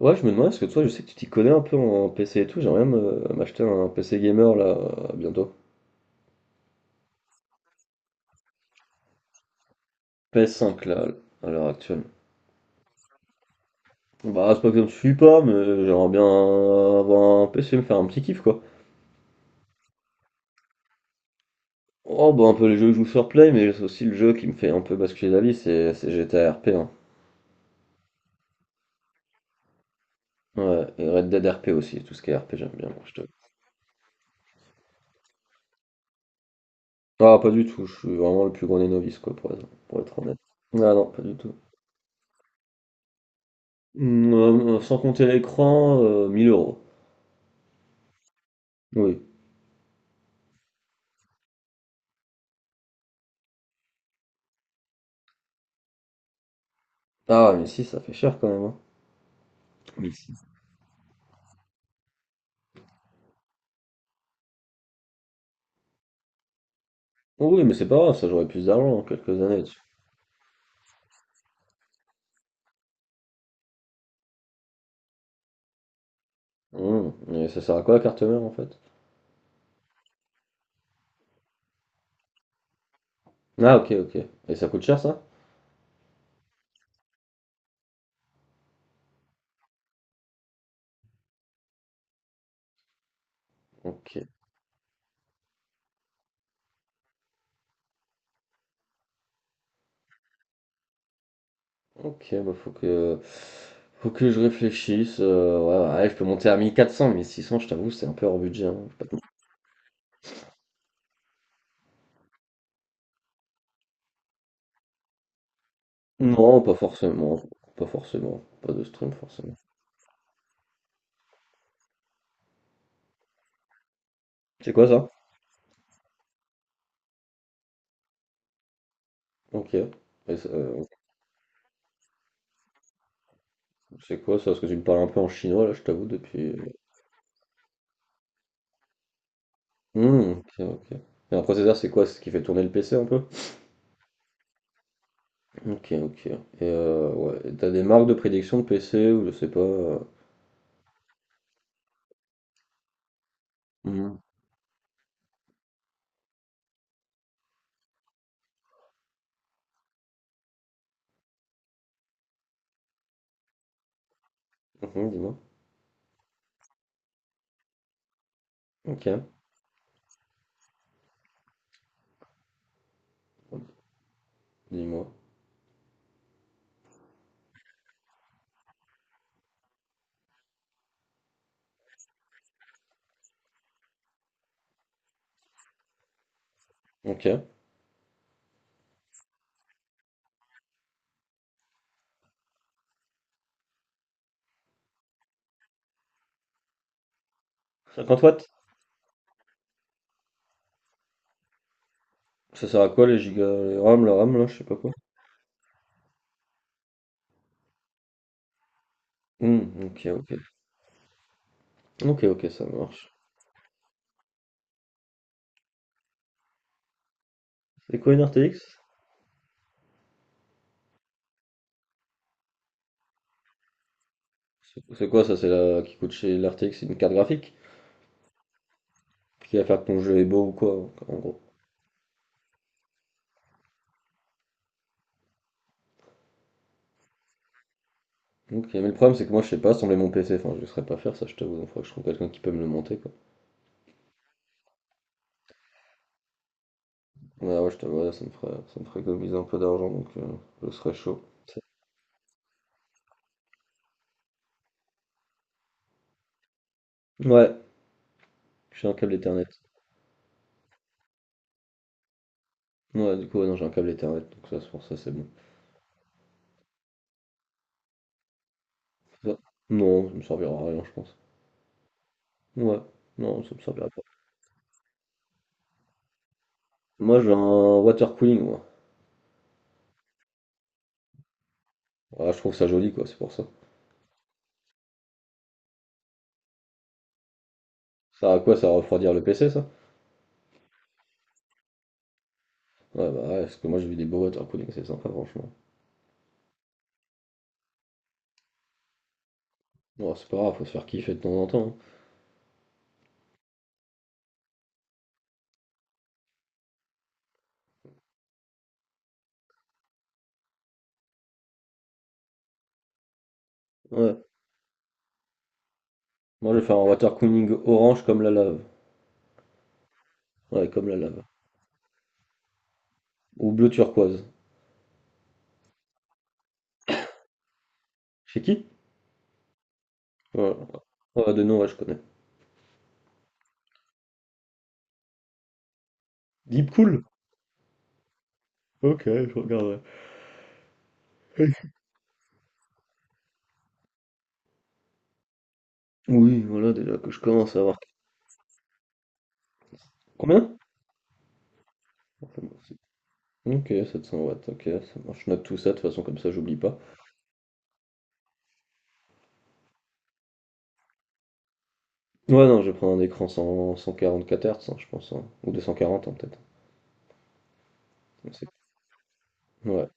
Ouais, je me demandais, parce que toi, je sais que tu t'y connais un peu en PC et tout, j'aimerais bien m'acheter un PC gamer là, bientôt. PS5 là, à l'heure actuelle. Bah, c'est pas que je ne suis pas, mais j'aimerais bien avoir un PC, me faire un petit kiff quoi. Oh, bah, un peu les jeux que je joue sur Play, mais c'est aussi le jeu qui me fait un peu basculer la vie, c'est GTA RP hein. Ouais, et Red Dead RP aussi, tout ce qui est RP j'aime bien, moi, je te... Ah, pas du tout, je suis vraiment le plus grand des novices quoi, pour être honnête. Ah non, pas du tout. Sans compter l'écran, 1000 euros. Oui. Ah ouais, mais si, ça fait cher quand même, hein. Mais si. Oui, mais c'est pas grave, ça j'aurai plus d'argent dans quelques années. Et ça sert à quoi la carte mère en fait? Ah, ok, ok. Et ça coûte cher ça? Ok, ok, bah Faut que je réfléchisse. Ouais, ouais, je peux monter à 1000, 1400, 1600, je t'avoue, c'est un peu hors budget, hein, je vais pas te. Non, pas forcément. Pas forcément. Pas de stream forcément. C'est quoi ça? Ok. Et ça, c'est quoi ça? Parce que tu me parles un peu en chinois là, je t'avoue, depuis... ok, ok. Et un processeur, c'est quoi? C'est ce qui fait tourner le PC un peu? Ok, ok. Et ouais, et tu des marques de prédilection de PC ou je sais pas? Mmh mh. Mmh Dis-moi. Ok. Dis-moi. Ok. 50 watts? Ça sert à quoi les gigas les RAM la RAM là, je sais pas quoi? Mmh, ok, ok. Ok, ok, ça marche. C'est quoi une RTX? C'est quoi ça? C'est la qui coûte chez la RTX, c'est une carte graphique? Qui va faire que ton jeu est beau ou quoi, en gros? Ok, mais le problème c'est que moi je sais pas assembler mon PC, enfin je ne saurais pas faire ça je t'avoue, donc faudrait que je trouve quelqu'un qui peut me le monter quoi. Ouais, ouais, je t'avoue, là, ça me ferait économiser un peu d'argent, donc je serais chaud. Ouais, j'ai un câble Ethernet. Ouais, du coup, ouais, non, j'ai un câble Ethernet, donc ça, c'est pour ça, c'est bon. Ça- Non, ça me servira à rien, je pense. Ouais, non, ça me servira pas. Moi, j'ai un water cooling, moi. Ouais, je trouve ça joli, quoi, c'est pour ça. Ça à quoi? Ça va refroidir le PC, ça? Ouais, bah ouais, parce que moi, j'ai vu des beaux water cooling, c'est sympa, franchement. Ouais, c'est pas grave, faut se faire kiffer de temps en temps, hein. Ouais, moi, je vais faire un water cooling orange comme la lave. Ouais, comme la lave. Ou bleu turquoise. Chez qui? Voilà. Ouais, de nom, ouais, je connais. Deep Cool? Ok, je regarderai. Oui, voilà, déjà que je commence à avoir. Combien? Ok, 700 watts, ok, ça marche. Je note tout ça, de toute façon, comme ça, j'oublie pas. Ouais, non, je vais prendre un écran 100 144 Hz, hein, je pense, hein, ou 240, hein, peut-être. Mais c'est- Ouais.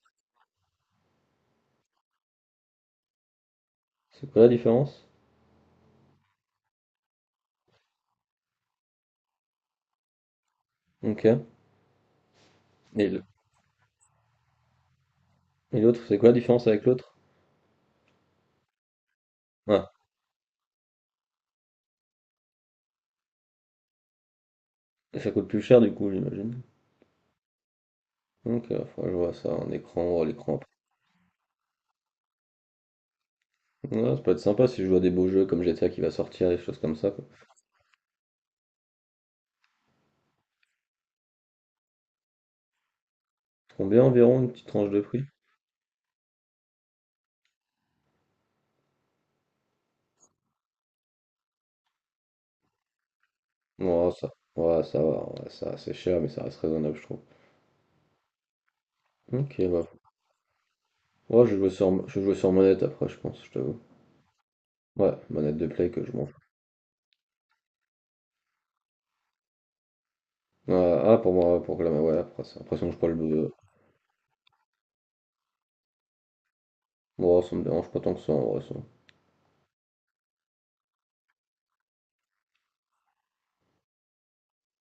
C'est quoi la différence? Ok. Et le- et l'autre, c'est quoi la différence avec l'autre? Ah, et ça coûte plus cher, du coup, j'imagine. Ok, faudra que je vois ça, un écran, ouais, l'écran, après. Ouais, ça peut être sympa si je vois des beaux jeux comme GTA qui va sortir, des choses comme ça. Combien environ une petite tranche de prix? Ouais, ça, ouais, ça va, ouais, ça, c'est cher, mais ça reste raisonnable, je trouve. Ok, bah. Ouais, je joue sur manette après, je pense, je t'avoue. Ouais, manette de play que je m'en fous. Ah, ah, pour moi, pour que la ouais, après, c'est l'impression que je prends le, bleu. Moi, ça me dérange pas tant que ça, en vrai, ça.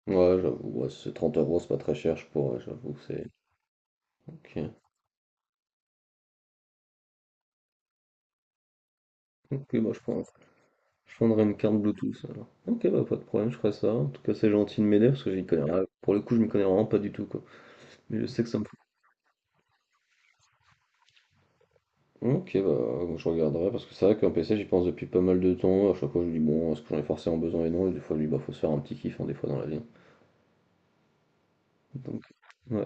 Ouais, j'avoue, ouais, si c'est 30 euros, c'est pas très cher, je pourrais, j'avoue, c'est. Ok. Ok, bah, je prendrai une carte Bluetooth, alors. Ok, bah, pas de problème, je ferai ça. En tout cas, c'est gentil de m'aider, parce que j'y connais rien. Pour le coup, je m'y connais vraiment pas du tout, quoi. Mais je sais que ça me. Ok, bah, je regarderai parce que c'est vrai qu'un PC, j'y pense depuis pas mal de temps. À chaque fois, je me dis, bon, est-ce que j'en ai forcément besoin et non? Et des fois, je me dis, bah, faut se faire un petit kiff, hein, des fois, dans la vie. Donc, ouais.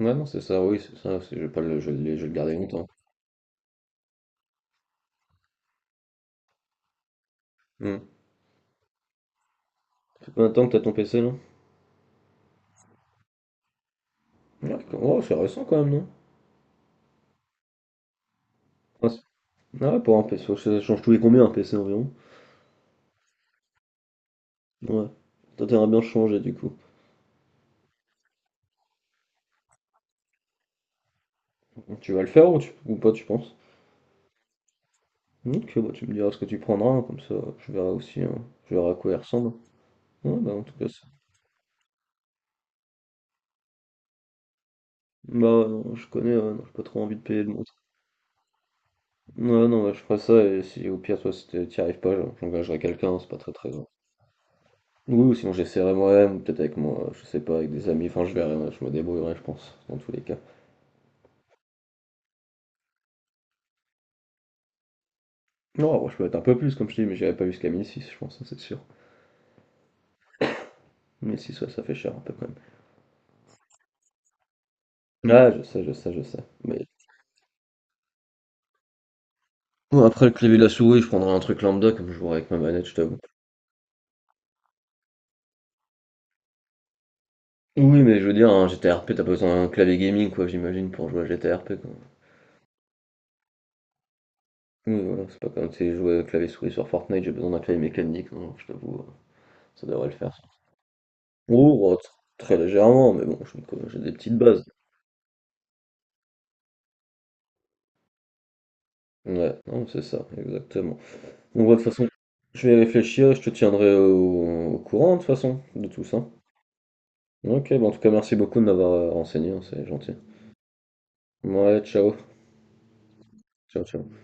Ouais, non, c'est ça, oui, c'est ça. C'est- Je vais pas le, Je vais le garder longtemps. Hmm. Ça fait combien de temps que t'as ton PC, là? Ouais, oh, c'est récent quand même, non? Ah, ah ouais, pour un PC, ça change tous les combien, un PC environ? Ouais. Toi, t'aimerais bien le changer, du coup. Tu vas le faire ou pas, tu penses? Ok, bah, tu me diras ce que tu prendras, hein, comme ça, je verrai aussi, hein, je verrai à quoi il ressemble. Ouais, bah, en tout cas. Bah, ouais, non, je connais, ouais, non, j'ai pas trop envie de payer le montant. Ouais, non, ouais, je ferais ça, et si au pire, toi, si t'y arrives pas, j'engagerai quelqu'un, c'est pas très très grave. Oui, ou sinon j'essaierai moi-même, peut-être avec moi, je sais pas, avec des amis, enfin je verrai, ouais, je me débrouillerai, je pense, dans tous les cas. Non, ouais, je peux mettre un peu plus, comme je dis, mais j'irai pas jusqu'à 1006, je pense, ça, c'est sûr. 1006, ouais, ça fait cher un peu quand même. Ouais, je sais, je sais, je sais. Mais bon, après le clavier de la souris, je prendrai un truc lambda, comme je jouerai avec ma manette, je t'avoue. Oui, mais je veux dire, un GTRP, t'as pas besoin d'un clavier gaming, quoi, j'imagine, pour jouer à GTRP, quoi. Oui, voilà, c'est pas comme si je jouais avec clavier-souris sur Fortnite, j'ai besoin d'un clavier mécanique, non, je t'avoue, ça devrait le faire, ça. Oh, oh, très légèrement, mais bon, j'ai des petites bases. Ouais, non, c'est ça, exactement. Donc, ouais, de toute façon, je vais y réfléchir, je te tiendrai au courant, de toute façon, de tout ça. Ok, bon, en tout cas, merci beaucoup de m'avoir renseigné, hein, c'est gentil. Ouais, ciao, ciao, ciao.